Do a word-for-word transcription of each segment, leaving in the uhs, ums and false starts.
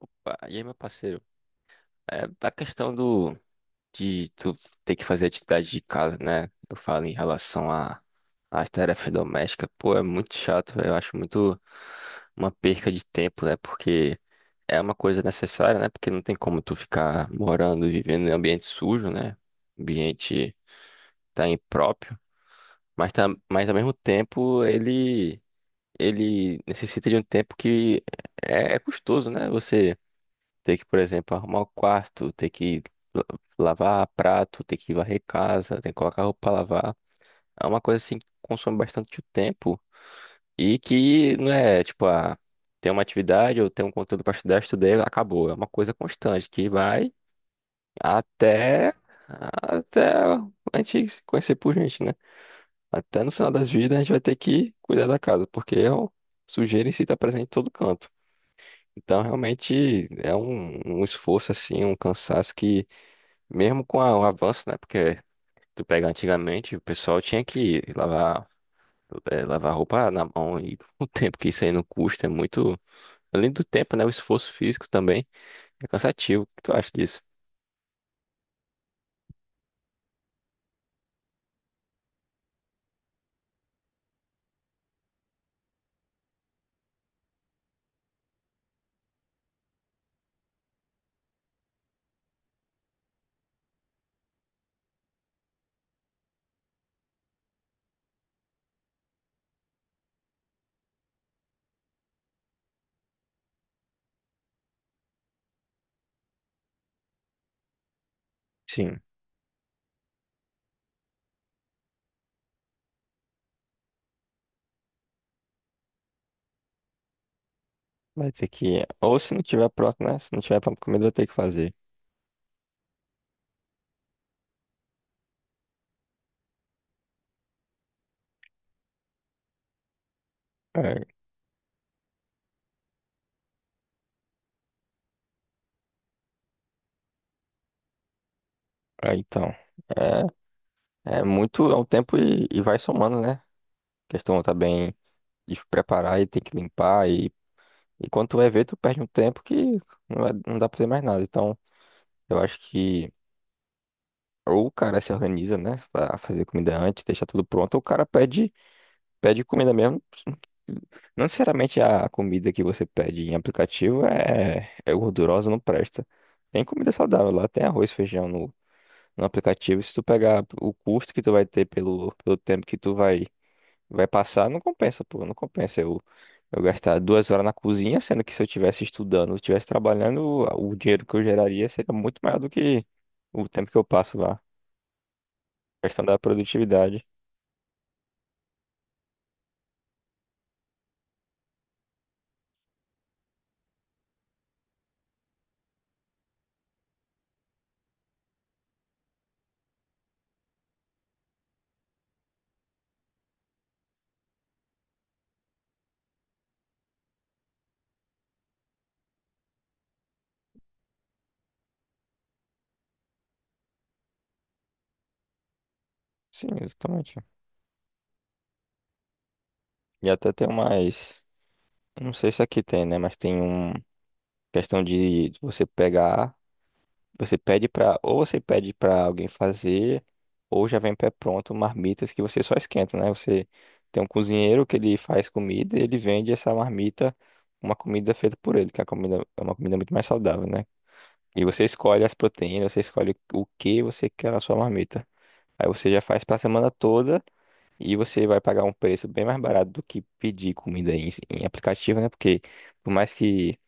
Opa, e aí, meu parceiro? É a questão do de tu ter que fazer atividade de casa, né? Eu falo em relação a às tarefas domésticas, pô, é muito chato, eu acho muito uma perca de tempo, né? Porque é uma coisa necessária, né? Porque não tem como tu ficar morando e vivendo em ambiente sujo, né? Ambiente tá impróprio, mas tá, mas ao mesmo tempo ele ele necessita de um tempo que é, é custoso, né? Você ter que, por exemplo, arrumar o quarto, ter que la- lavar prato, ter que varrer casa, ter que colocar roupa pra lavar. É uma coisa assim que consome bastante o tempo e que não é tipo, ah, tem uma atividade ou tem um conteúdo para estudar, estudei, acabou. É uma coisa constante que vai até até a gente se conhecer por gente, né? Até no final das vidas a gente vai ter que cuidar da casa, porque é um- sujeira em si está presente em todo canto. Então, realmente é um, um esforço assim, um cansaço que mesmo com a- o avanço, né? Porque tu pega antigamente, o pessoal tinha que lavar, eh, lavar roupa na mão e o tempo que isso aí não custa é muito. Além do tempo, né? O esforço físico também é cansativo. O que tu acha disso? Sim, vai ter que. Ou se não tiver pronto, né? Se não tiver pronto comida, vai ter que fazer. É, é, então. É, é muito, é um tempo e, e vai somando, né? A questão tá bem de preparar e tem que limpar. E, e quando tu vai ver, tu perde um tempo que não, vai- não dá pra fazer mais nada. Então, eu acho que. Ou o cara se organiza, né, pra fazer comida antes, deixar tudo pronto, ou o cara pede, pede comida mesmo. Não necessariamente a comida que você pede em aplicativo é, é gordurosa, não presta. Tem comida saudável lá, tem arroz, feijão no, no aplicativo. Se tu pegar o custo que tu vai ter pelo, pelo tempo que tu vai, vai passar, não compensa, pô, não compensa. Eu, eu gastar duas horas na cozinha, sendo que se eu estivesse estudando, eu estivesse trabalhando, o dinheiro que eu geraria seria muito maior do que o tempo que eu passo lá questão da produtividade. Sim, exatamente. E até tem mais. Eu Não sei se aqui tem, né? Mas tem um questão de você pegar. Você pede pra. Ou você pede pra alguém fazer, ou já vem pré-pronto marmitas que você só esquenta, né? Você tem um cozinheiro que ele faz comida e ele vende essa marmita, uma comida feita por ele, que é uma comida, é uma comida muito mais saudável, né? E você escolhe as proteínas, você escolhe o que você quer na sua marmita. Aí você já faz pra semana toda. E você vai pagar um preço bem mais barato do que pedir comida em, em aplicativo, né? Porque por mais que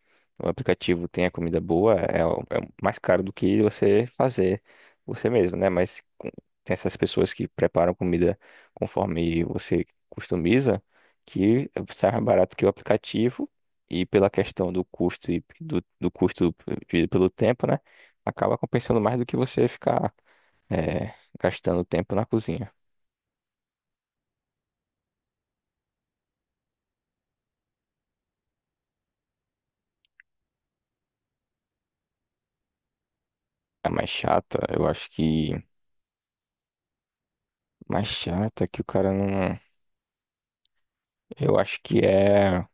o aplicativo tenha comida boa, é, o- é o mais caro do que você fazer você mesmo, né? Mas com- tem essas pessoas que preparam comida conforme você customiza, que sai mais barato que o aplicativo. E pela questão do custo e do, do custo dividido pelo tempo, né? Acaba compensando mais do que você ficar eh, gastando tempo na cozinha. A mais chata, eu acho que. Mais chata que o cara não. Eu acho que é.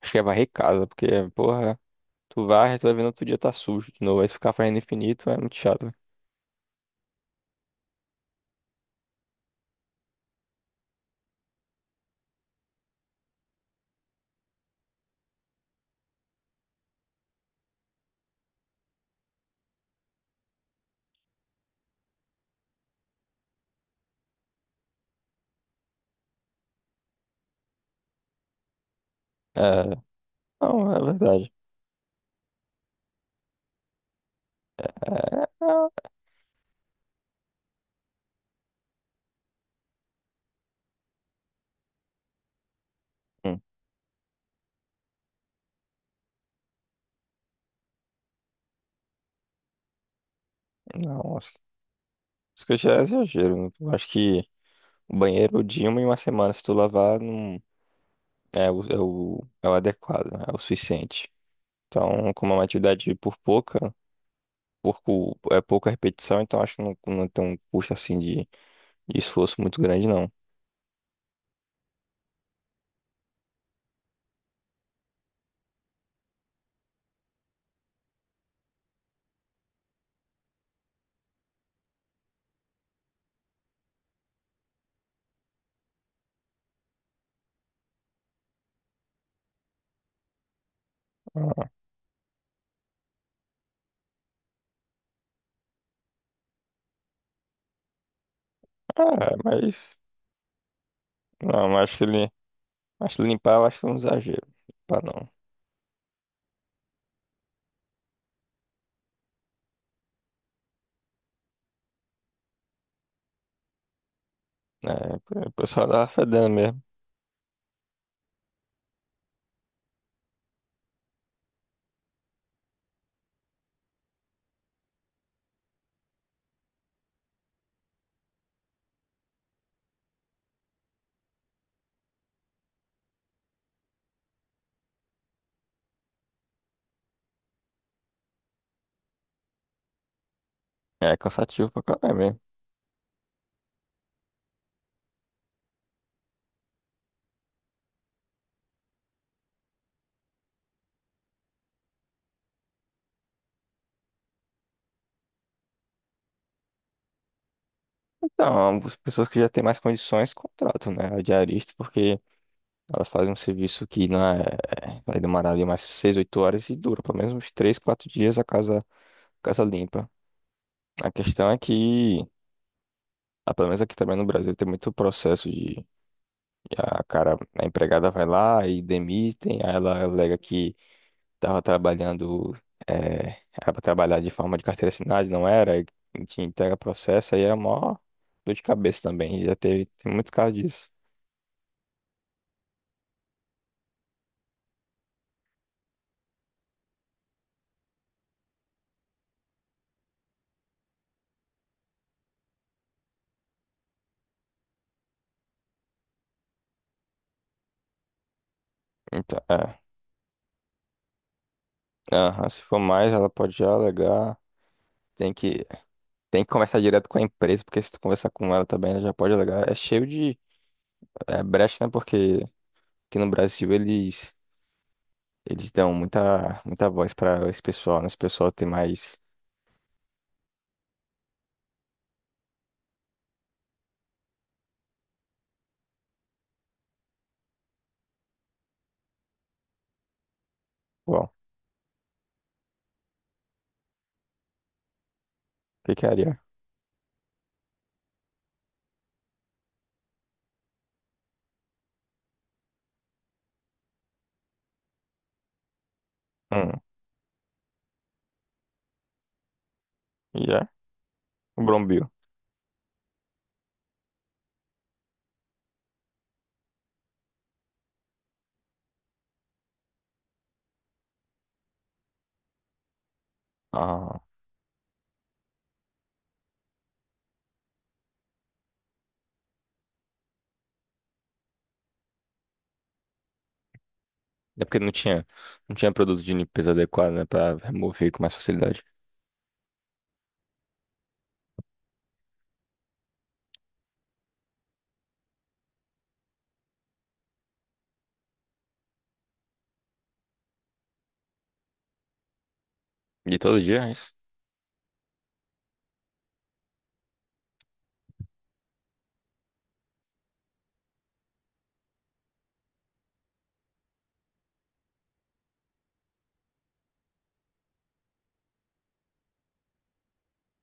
Acho que é varrer casa, porque, porra, tu varre, tu vai vendo outro dia tá sujo de novo, aí tu ficar fazendo infinito é muito chato. É. Não, é verdade. É. é, hum. Não, acho que acho que já é exagero, né? Eu acho que o banheiro, de uma em uma semana, se tu lavar, não. É o, é o, é o adequado, né? É o suficiente. Então, como é uma atividade por pouca, pouco, é pouca repetição, então acho que não, não tem um custo assim de. De esforço muito grande, não. Ah, é, mas não, acho que ele. Acho que limpar eu acho que é um exagero. Limpar não. É, o pessoal tava fedendo mesmo. É cansativo pra caralho mesmo. Então, as pessoas que já têm mais condições contratam, né? A diarista, porque elas fazem um serviço que não é. Vai demorar ali mais seis, oito horas e dura pelo menos uns três, quatro dias a casa, casa limpa. A questão é que, ah, pelo menos aqui também no Brasil, tem muito processo de a cara, a empregada vai lá e demitem, aí ela alega que estava trabalhando, eh, era para trabalhar de forma de carteira assinada, e não era, e te entrega processo, aí é mó dor de cabeça também, já teve, tem muitos casos disso. Então, é, aham, se for mais, ela pode já alegar, tem que, tem que conversar direto com a empresa, porque se tu conversar com ela também, ela já pode alegar, é cheio de é, brecha, né, porque aqui no Brasil eles, eles dão muita, muita voz para esse pessoal, né, esse pessoal tem mais... Ficaria. Hum, já? O Brombil. Ah, é porque não tinha, não tinha produto de limpeza adequado, né, pra remover com mais facilidade. E todo dia, é isso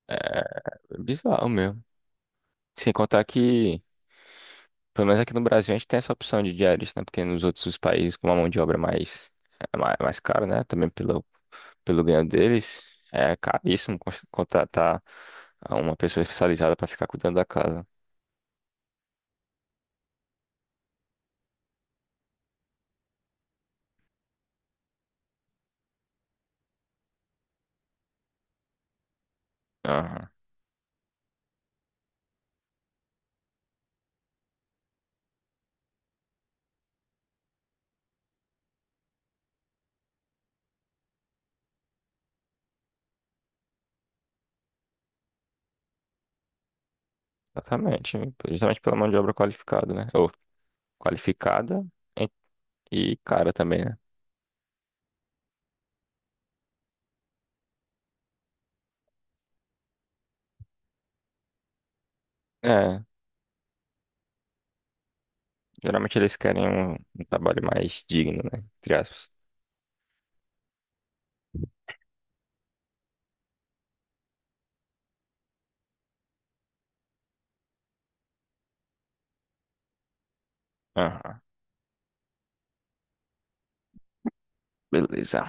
é bizarro mesmo. Sem contar que, pelo menos aqui no Brasil, a gente tem essa opção de diarista, né, porque nos outros países com uma mão de obra mais, é mais, mais cara, né, também pelo, pelo ganho deles, é caríssimo cons- contratar uma pessoa especializada para ficar cuidando da casa. Aham, exatamente. Justamente pela mão de obra qualificada, né, ou qualificada. E cara também, né? É, geralmente eles querem um, um trabalho mais digno, né? Entre aspas. Aham, beleza.